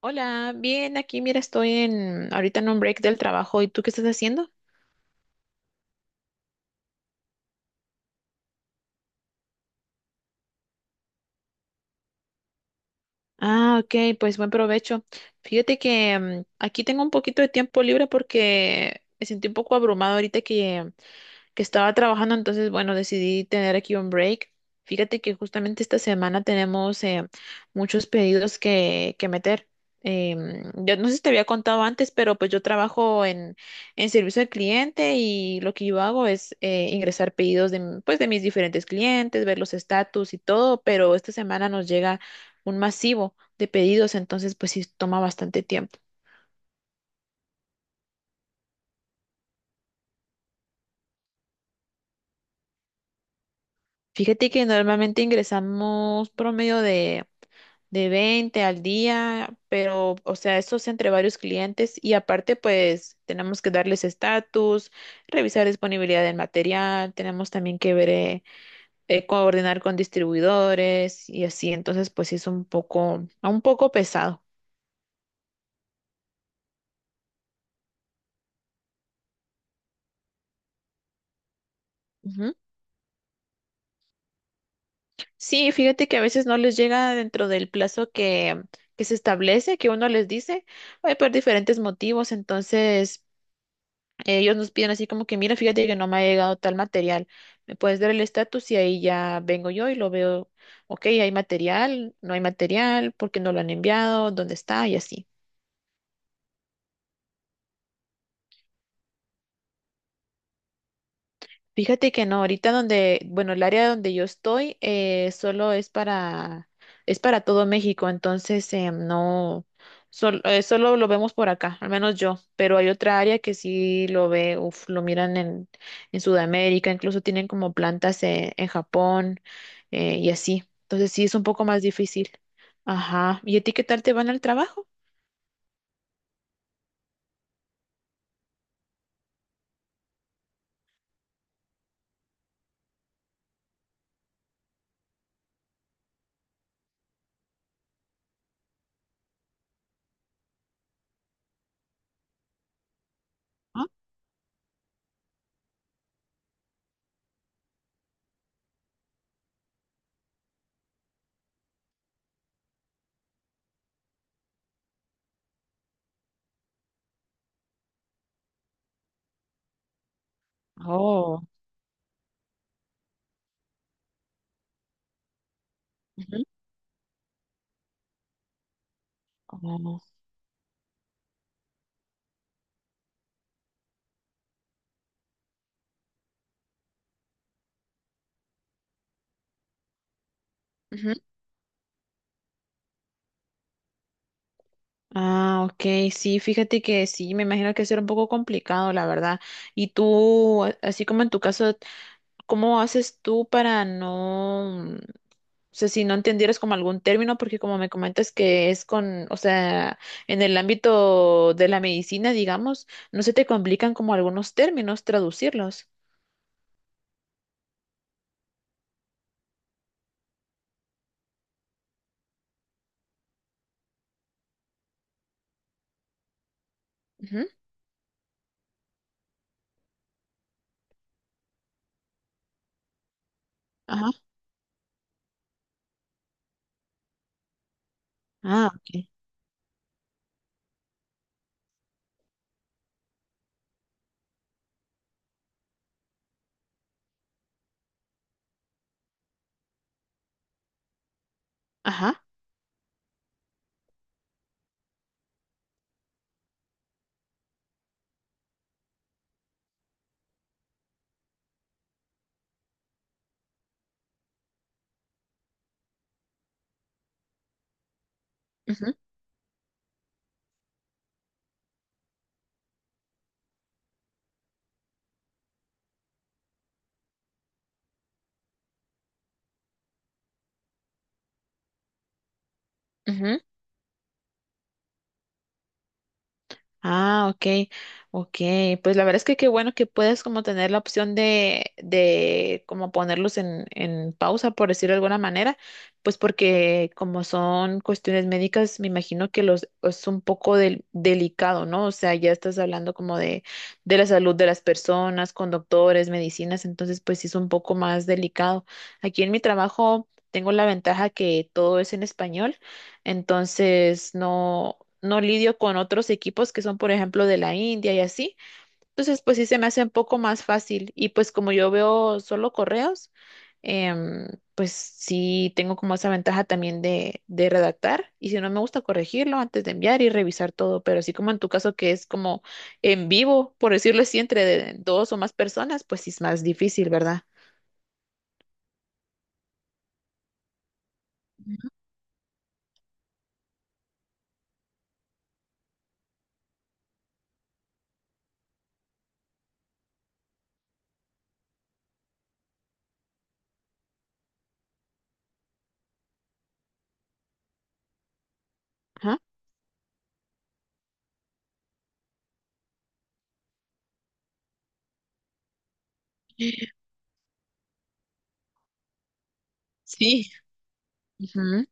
Hola, bien, aquí mira, estoy en ahorita en un break del trabajo. ¿Y tú qué estás haciendo? Ah, ok, pues buen provecho. Fíjate que aquí tengo un poquito de tiempo libre porque me sentí un poco abrumado ahorita que estaba trabajando, entonces, bueno, decidí tener aquí un break. Fíjate que justamente esta semana tenemos muchos pedidos que meter. Yo no sé si te había contado antes, pero pues yo trabajo en servicio al cliente y lo que yo hago es ingresar pedidos de, pues, de mis diferentes clientes, ver los estatus y todo, pero esta semana nos llega un masivo de pedidos, entonces pues sí toma bastante tiempo. Fíjate que normalmente ingresamos promedio de 20 al día, pero o sea, eso es entre varios clientes y aparte pues tenemos que darles estatus, revisar disponibilidad del material, tenemos también que ver, coordinar con distribuidores y así, entonces pues sí es un poco pesado. Sí, fíjate que a veces no les llega dentro del plazo que se establece, que uno les dice, por diferentes motivos. Entonces, ellos nos piden así como que, mira, fíjate que no me ha llegado tal material. ¿Me puedes dar el estatus? Y ahí ya vengo yo y lo veo, ok, hay material, no hay material, ¿por qué no lo han enviado? ¿Dónde está? Y así. Fíjate que no, ahorita donde, bueno, el área donde yo estoy, solo es para todo México, entonces no, solo lo vemos por acá, al menos yo, pero hay otra área que sí lo ve, uf, lo miran en Sudamérica, incluso tienen como plantas en Japón y así, entonces sí es un poco más difícil. Ajá, ¿y a ti qué tal te van al trabajo? ¿Ah? Oh. Ujú. Oh. Ah, ok, sí, fíjate que sí, me imagino que será un poco complicado, la verdad. Y tú, así como en tu caso, ¿cómo haces tú para no, o sea, si no entendieras como algún término, porque como me comentas que es con, o sea, en el ámbito de la medicina, digamos, no se te complican como algunos términos traducirlos. Ujú. Ajá. Ah, ok. Ajá. Ujú. Ujú. Ah, ok, ok. Pues la verdad es que qué bueno que puedes como tener la opción de como ponerlos en pausa, por decirlo de alguna manera, pues porque como son cuestiones médicas, me imagino que los es un poco delicado, ¿no? O sea, ya estás hablando como de la salud de las personas, con doctores, medicinas, entonces pues sí es un poco más delicado. Aquí en mi trabajo tengo la ventaja que todo es en español. Entonces, no lidio con otros equipos que son, por ejemplo, de la India y así. Entonces, pues sí se me hace un poco más fácil. Y pues como yo veo solo correos, em, pues sí tengo como esa ventaja también de redactar. Y si no me gusta corregirlo antes de enviar y revisar todo, pero así como en tu caso que es como en vivo, por decirlo así, entre dos o más personas, pues sí es más difícil, ¿verdad? Ajá. Sí. Ujú.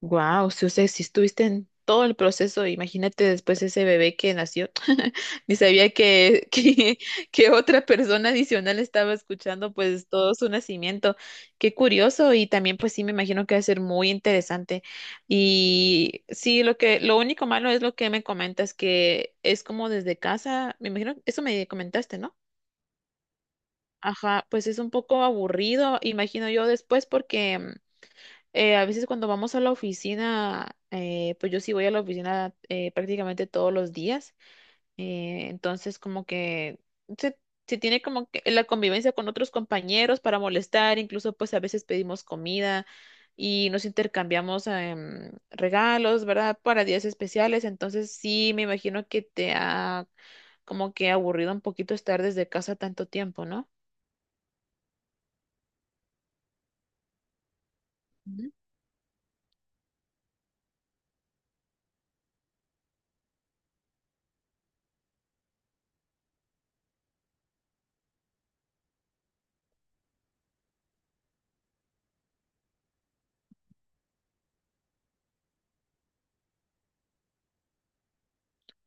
Wow, si, o sea, si estuviste en todo el proceso, imagínate después ese bebé que nació, ni sabía que otra persona adicional estaba escuchando pues todo su nacimiento. Qué curioso y también pues sí me imagino que va a ser muy interesante. Y sí, lo único malo es lo que me comentas, que es como desde casa, me imagino, eso me comentaste, ¿no? Ajá, pues es un poco aburrido, imagino yo después porque... a veces cuando vamos a la oficina, pues yo sí voy a la oficina prácticamente todos los días, entonces como que se, se tiene como que la convivencia con otros compañeros para molestar, incluso pues a veces pedimos comida y nos intercambiamos regalos, ¿verdad? Para días especiales, entonces sí me imagino que te ha como que aburrido un poquito estar desde casa tanto tiempo, ¿no?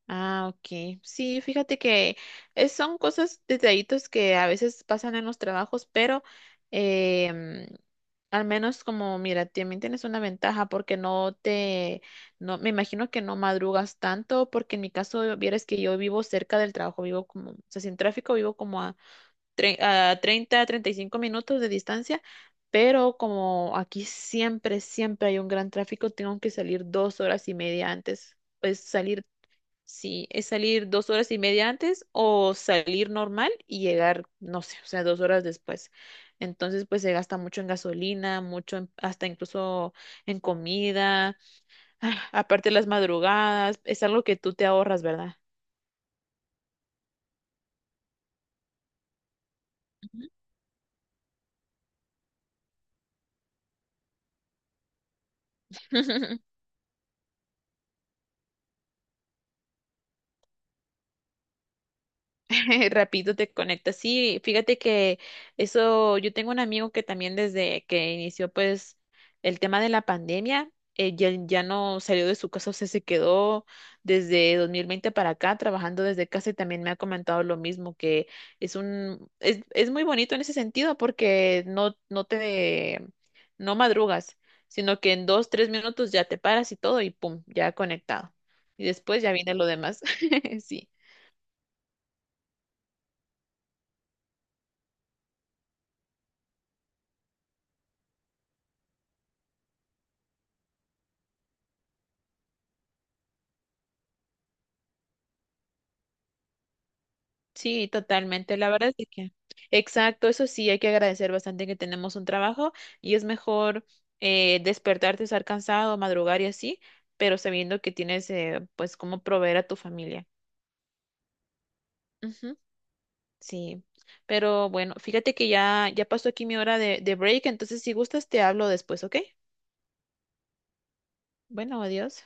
Ah, ok. Sí, fíjate que son cosas, detallitos que a veces pasan en los trabajos, pero em, al menos como, mira, también tienes una ventaja porque no me imagino que no madrugas tanto, porque en mi caso, vieras que yo vivo cerca del trabajo, vivo como, o sea, sin tráfico, vivo como a, a 30, 35 minutos de distancia, pero como aquí siempre hay un gran tráfico, tengo que salir dos horas y media antes, pues salir. Sí, es salir dos horas y media antes o salir normal y llegar, no sé, o sea, dos horas después. Entonces, pues se gasta mucho en gasolina, mucho hasta incluso en comida. Ah, aparte las madrugadas, es algo que tú te ahorras, ¿verdad? Rapidito te conectas. Sí, fíjate que eso, yo tengo un amigo que también desde que inició pues el tema de la pandemia, ya no salió de su casa, o sea, se quedó desde 2020 para acá trabajando desde casa y también me ha comentado lo mismo, que es es muy bonito en ese sentido porque no te, no madrugas, sino que en dos, tres minutos ya te paras y todo y pum, ya conectado. Y después ya viene lo demás. Sí. Sí, totalmente. La verdad es que, exacto, eso sí, hay que agradecer bastante que tenemos un trabajo y es mejor despertarte, estar cansado, madrugar y así, pero sabiendo que tienes, pues, cómo proveer a tu familia. Ujú, sí, pero bueno, fíjate que ya pasó aquí mi hora de break, entonces si gustas te hablo después, ¿ok? Bueno, adiós.